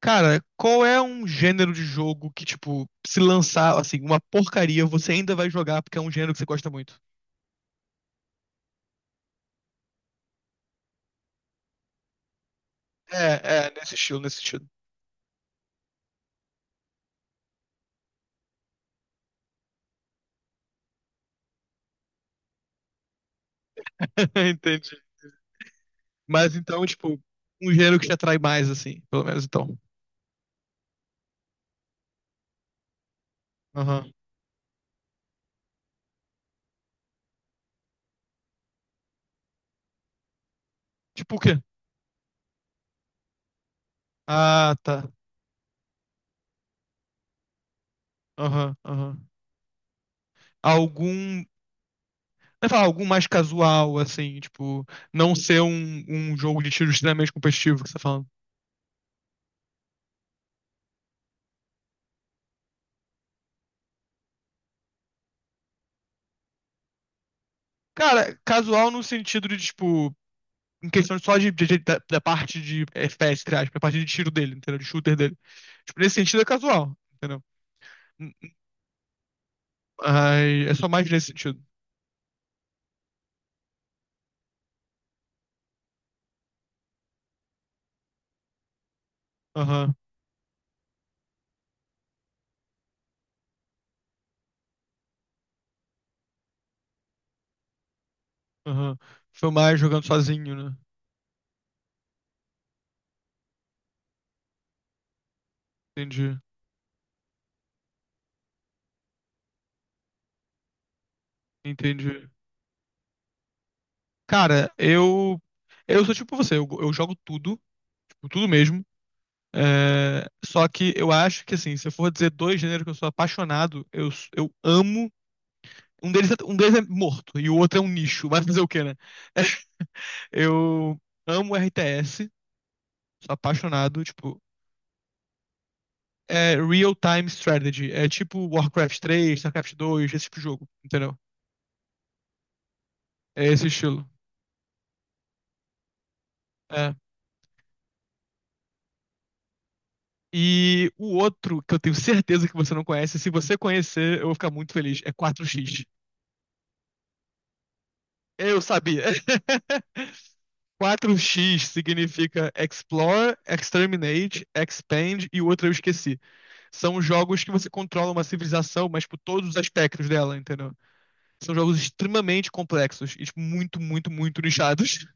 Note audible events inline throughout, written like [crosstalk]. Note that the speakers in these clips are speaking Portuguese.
Cara, qual é um gênero de jogo que, tipo, se lançar, assim, uma porcaria, você ainda vai jogar porque é um gênero que você gosta muito? É, é, nesse estilo, nesse estilo. [laughs] Entendi. Mas então, tipo, um gênero que te atrai mais, assim, pelo menos então. Aham. Tipo o quê? Ah, tá. Aham, aham. Algum. Vai falar, algum mais casual, assim, tipo, não ser um jogo de tiro extremamente competitivo que você tá falando. Cara, casual no sentido de, tipo. Em questão só da parte de FPS, entre aspas, a parte de tiro dele, entendeu? De shooter dele. Tipo, nesse sentido é casual, entendeu? Hum, Ai, é só mais nesse sentido. Aham, aham. Foi mais jogando sozinho, né? Entendi, entendi. Cara, eu. Eu sou tipo você, eu jogo tudo, tipo, tudo mesmo. É, só que eu acho que, assim, se eu for dizer dois gêneros que eu sou apaixonado, eu amo. Um deles, um deles é morto e o outro é um nicho, vai fazer o quê, né? [laughs] Eu amo RTS. Sou apaixonado, tipo, é real-time strategy. É tipo Warcraft 3, StarCraft 2, esse tipo de jogo, entendeu? É esse estilo. É. E o outro que eu tenho certeza que você não conhece, se você conhecer, eu vou ficar muito feliz. É 4x. Eu sabia. [laughs] 4x significa Explore, Exterminate, Expand e o outro eu esqueci. São jogos que você controla uma civilização, mas por todos os aspectos dela, entendeu? São jogos extremamente complexos e tipo, muito, muito, muito nichados.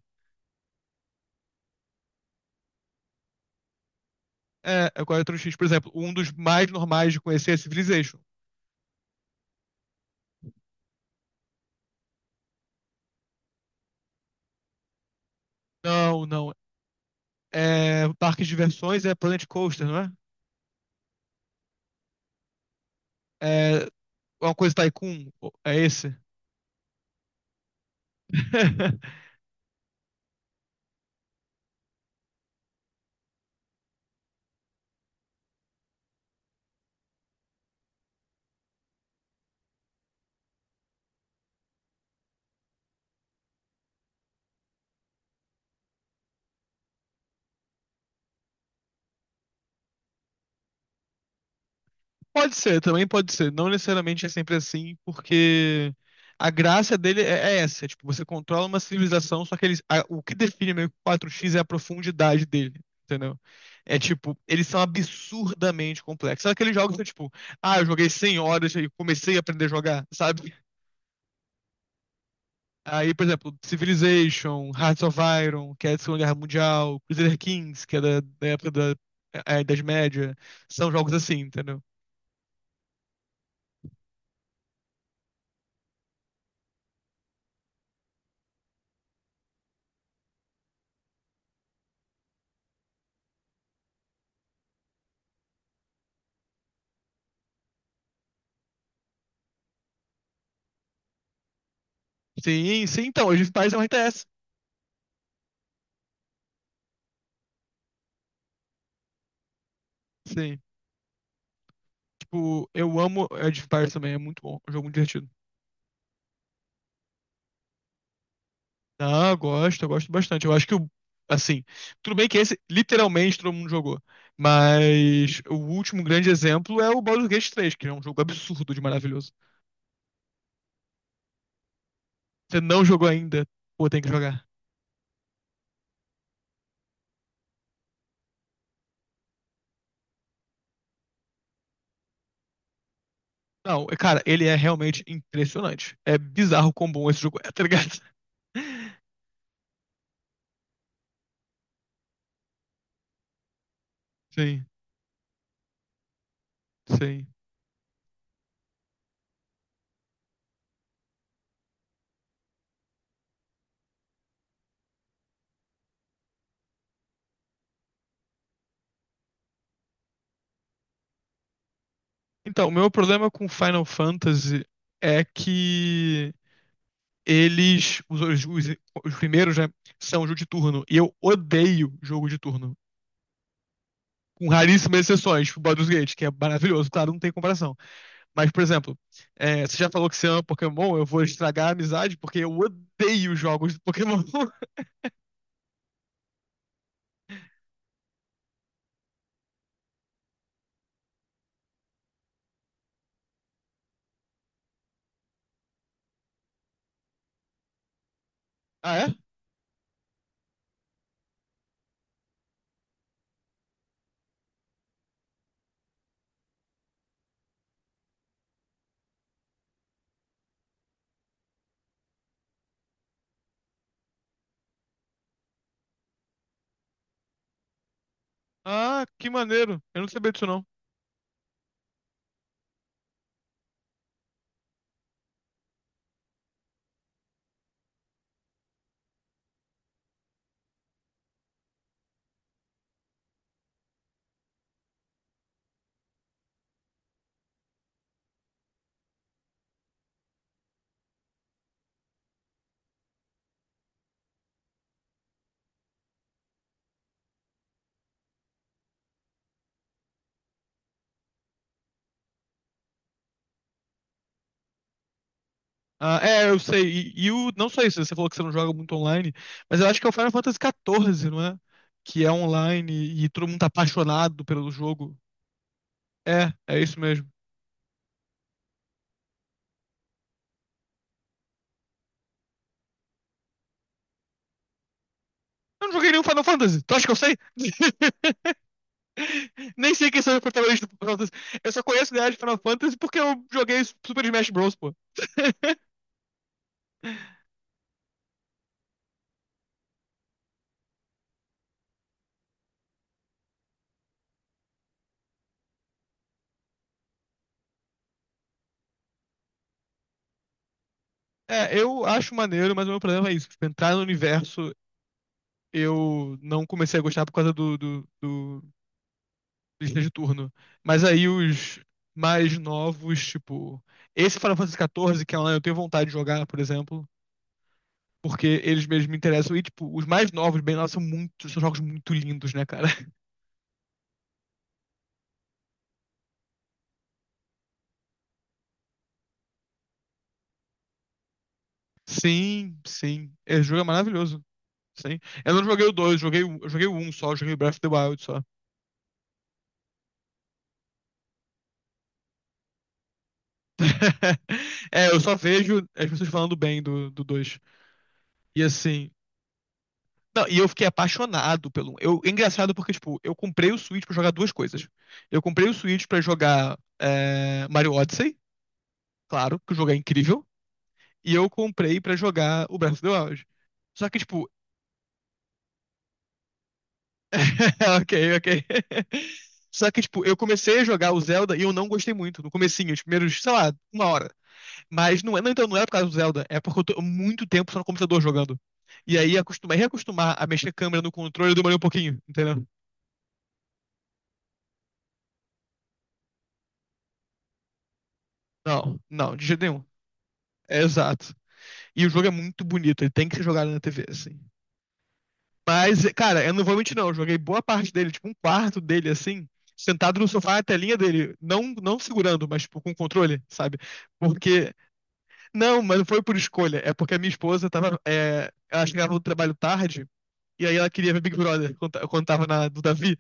É, é 4x. Por exemplo, um dos mais normais de conhecer é Civilization. Não, não. É, o parque de diversões é Planet Coaster, não é? É uma coisa Tycoon, é esse? [laughs] Pode ser, também pode ser. Não necessariamente é sempre assim, porque a graça dele é essa. É, tipo, você controla uma civilização, só que o que define meio que o 4x é a profundidade dele, entendeu? É tipo, eles são absurdamente complexos. Sabe aqueles jogos que, tipo, ah, eu joguei 100 horas e comecei a aprender a jogar, sabe? Aí, por exemplo, Civilization, Hearts of Iron, que é da Segunda Guerra Mundial, Crusader Kings, que é da época da Idade Média, são jogos assim, entendeu? Sim, sim, então, Age of Empires é um RTS. Sim. Tipo, eu amo Age of Empires também, é muito bom, é um jogo muito divertido. Ah, eu gosto bastante. Eu acho que o, assim, tudo bem que esse literalmente todo mundo jogou, mas o último grande exemplo é o Baldur's Gate 3, que é um jogo absurdo de maravilhoso. Você não jogou ainda, pô, tem que jogar. Não, é, cara, ele é realmente impressionante. É bizarro quão bom esse jogo é, tá ligado? [laughs] Sim, sim. Então, o meu problema com Final Fantasy é que eles, os primeiros, né, são jogo de turno, e eu odeio jogo de turno. Com raríssimas exceções, tipo Baldur's Gate, que é maravilhoso, claro, não tem comparação. Mas, por exemplo, você já falou que você ama Pokémon, eu vou estragar a amizade porque eu odeio jogos de Pokémon. [laughs] Ah, é? Ah, que maneiro. Eu não sabia disso, não. Ah, é, eu sei. E o, não só isso, você falou que você não joga muito online, mas eu acho que é o Final Fantasy XIV, não é? Que é online e todo mundo tá apaixonado pelo jogo. É, é isso mesmo. Eu não joguei nenhum Final Fantasy, tu acha que eu sei? [laughs] Nem sei quem são os protagonistas do Final Fantasy. Eu só conheço o ideia de Final Fantasy porque eu joguei Super Smash Bros, pô. É, eu acho maneiro, mas o meu problema é isso. Tipo, entrar no universo, eu não comecei a gostar por causa do lista de turno. Mas aí os mais novos, tipo... Esse Final Fantasy XIV, que é online, eu tenho vontade de jogar, por exemplo. Porque eles mesmos me interessam. E, tipo, os mais novos, bem lá, são jogos muito lindos, né, cara? [laughs] Sim, sim. Esse jogo é maravilhoso. Sim. Eu não joguei o dois. Eu joguei o 1 só, joguei o Breath of the Wild só. [laughs] É, eu só vejo as pessoas falando bem do dois. E assim. Não, e eu fiquei apaixonado pelo um. É engraçado porque, tipo, eu comprei o Switch pra jogar duas coisas. Eu comprei o Switch pra jogar Mario Odyssey, claro, que o jogo é incrível. E eu comprei pra jogar o Breath of the Wild. Só que, tipo. [laughs] Ok, ok. [laughs] Só que, tipo, eu comecei a jogar o Zelda e eu não gostei muito. No comecinho, os primeiros, sei lá, uma hora. Mas não é, não, então não era por causa do Zelda, é porque eu tô muito tempo só no computador jogando. E aí acostumar, reacostumar a mexer a câmera no controle demorou um pouquinho, entendeu? Não, não, de jeito nenhum. É exato. E o jogo é muito bonito, ele tem que ser jogado na TV, assim. Mas, cara, eu não vou mentir, não. Eu joguei boa parte dele, tipo, um quarto dele, assim, sentado no sofá, a telinha dele. Não, não segurando, mas, tipo, com controle, sabe? Porque. Não, mas não foi por escolha. É porque a minha esposa tava, ela chegava do trabalho tarde, e aí ela queria ver Big Brother quando tava do Davi.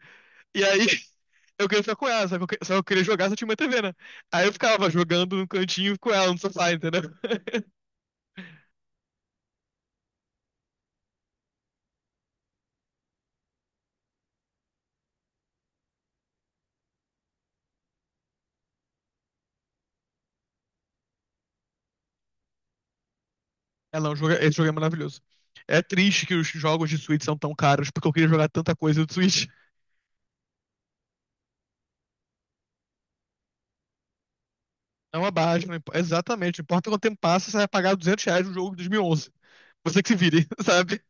E aí [laughs] eu queria ficar com ela, só que eu queria jogar se eu tinha uma TV, né? Aí eu ficava jogando no cantinho com ela no sofá, entendeu? [laughs] É, não, esse jogo é maravilhoso. É triste que os jogos de Switch são tão caros, porque eu queria jogar tanta coisa do Switch. É uma baixa, exatamente. Não importa quanto tempo passa, você vai pagar R$ 200 no jogo de 2011. Você que se vire, [laughs] sabe?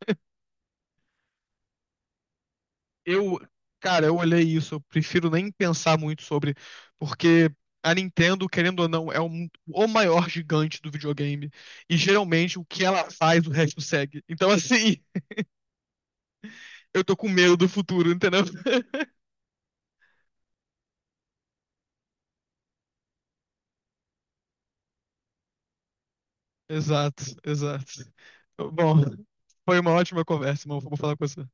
Eu, cara, eu olhei isso, eu prefiro nem pensar muito sobre, porque a Nintendo, querendo ou não, é o maior gigante do videogame, e geralmente o que ela faz, o resto segue. Então, assim, [laughs] eu tô com medo do futuro, entendeu? [laughs] Exato, exato. Bom, foi uma ótima conversa, irmão. Vou falar com você.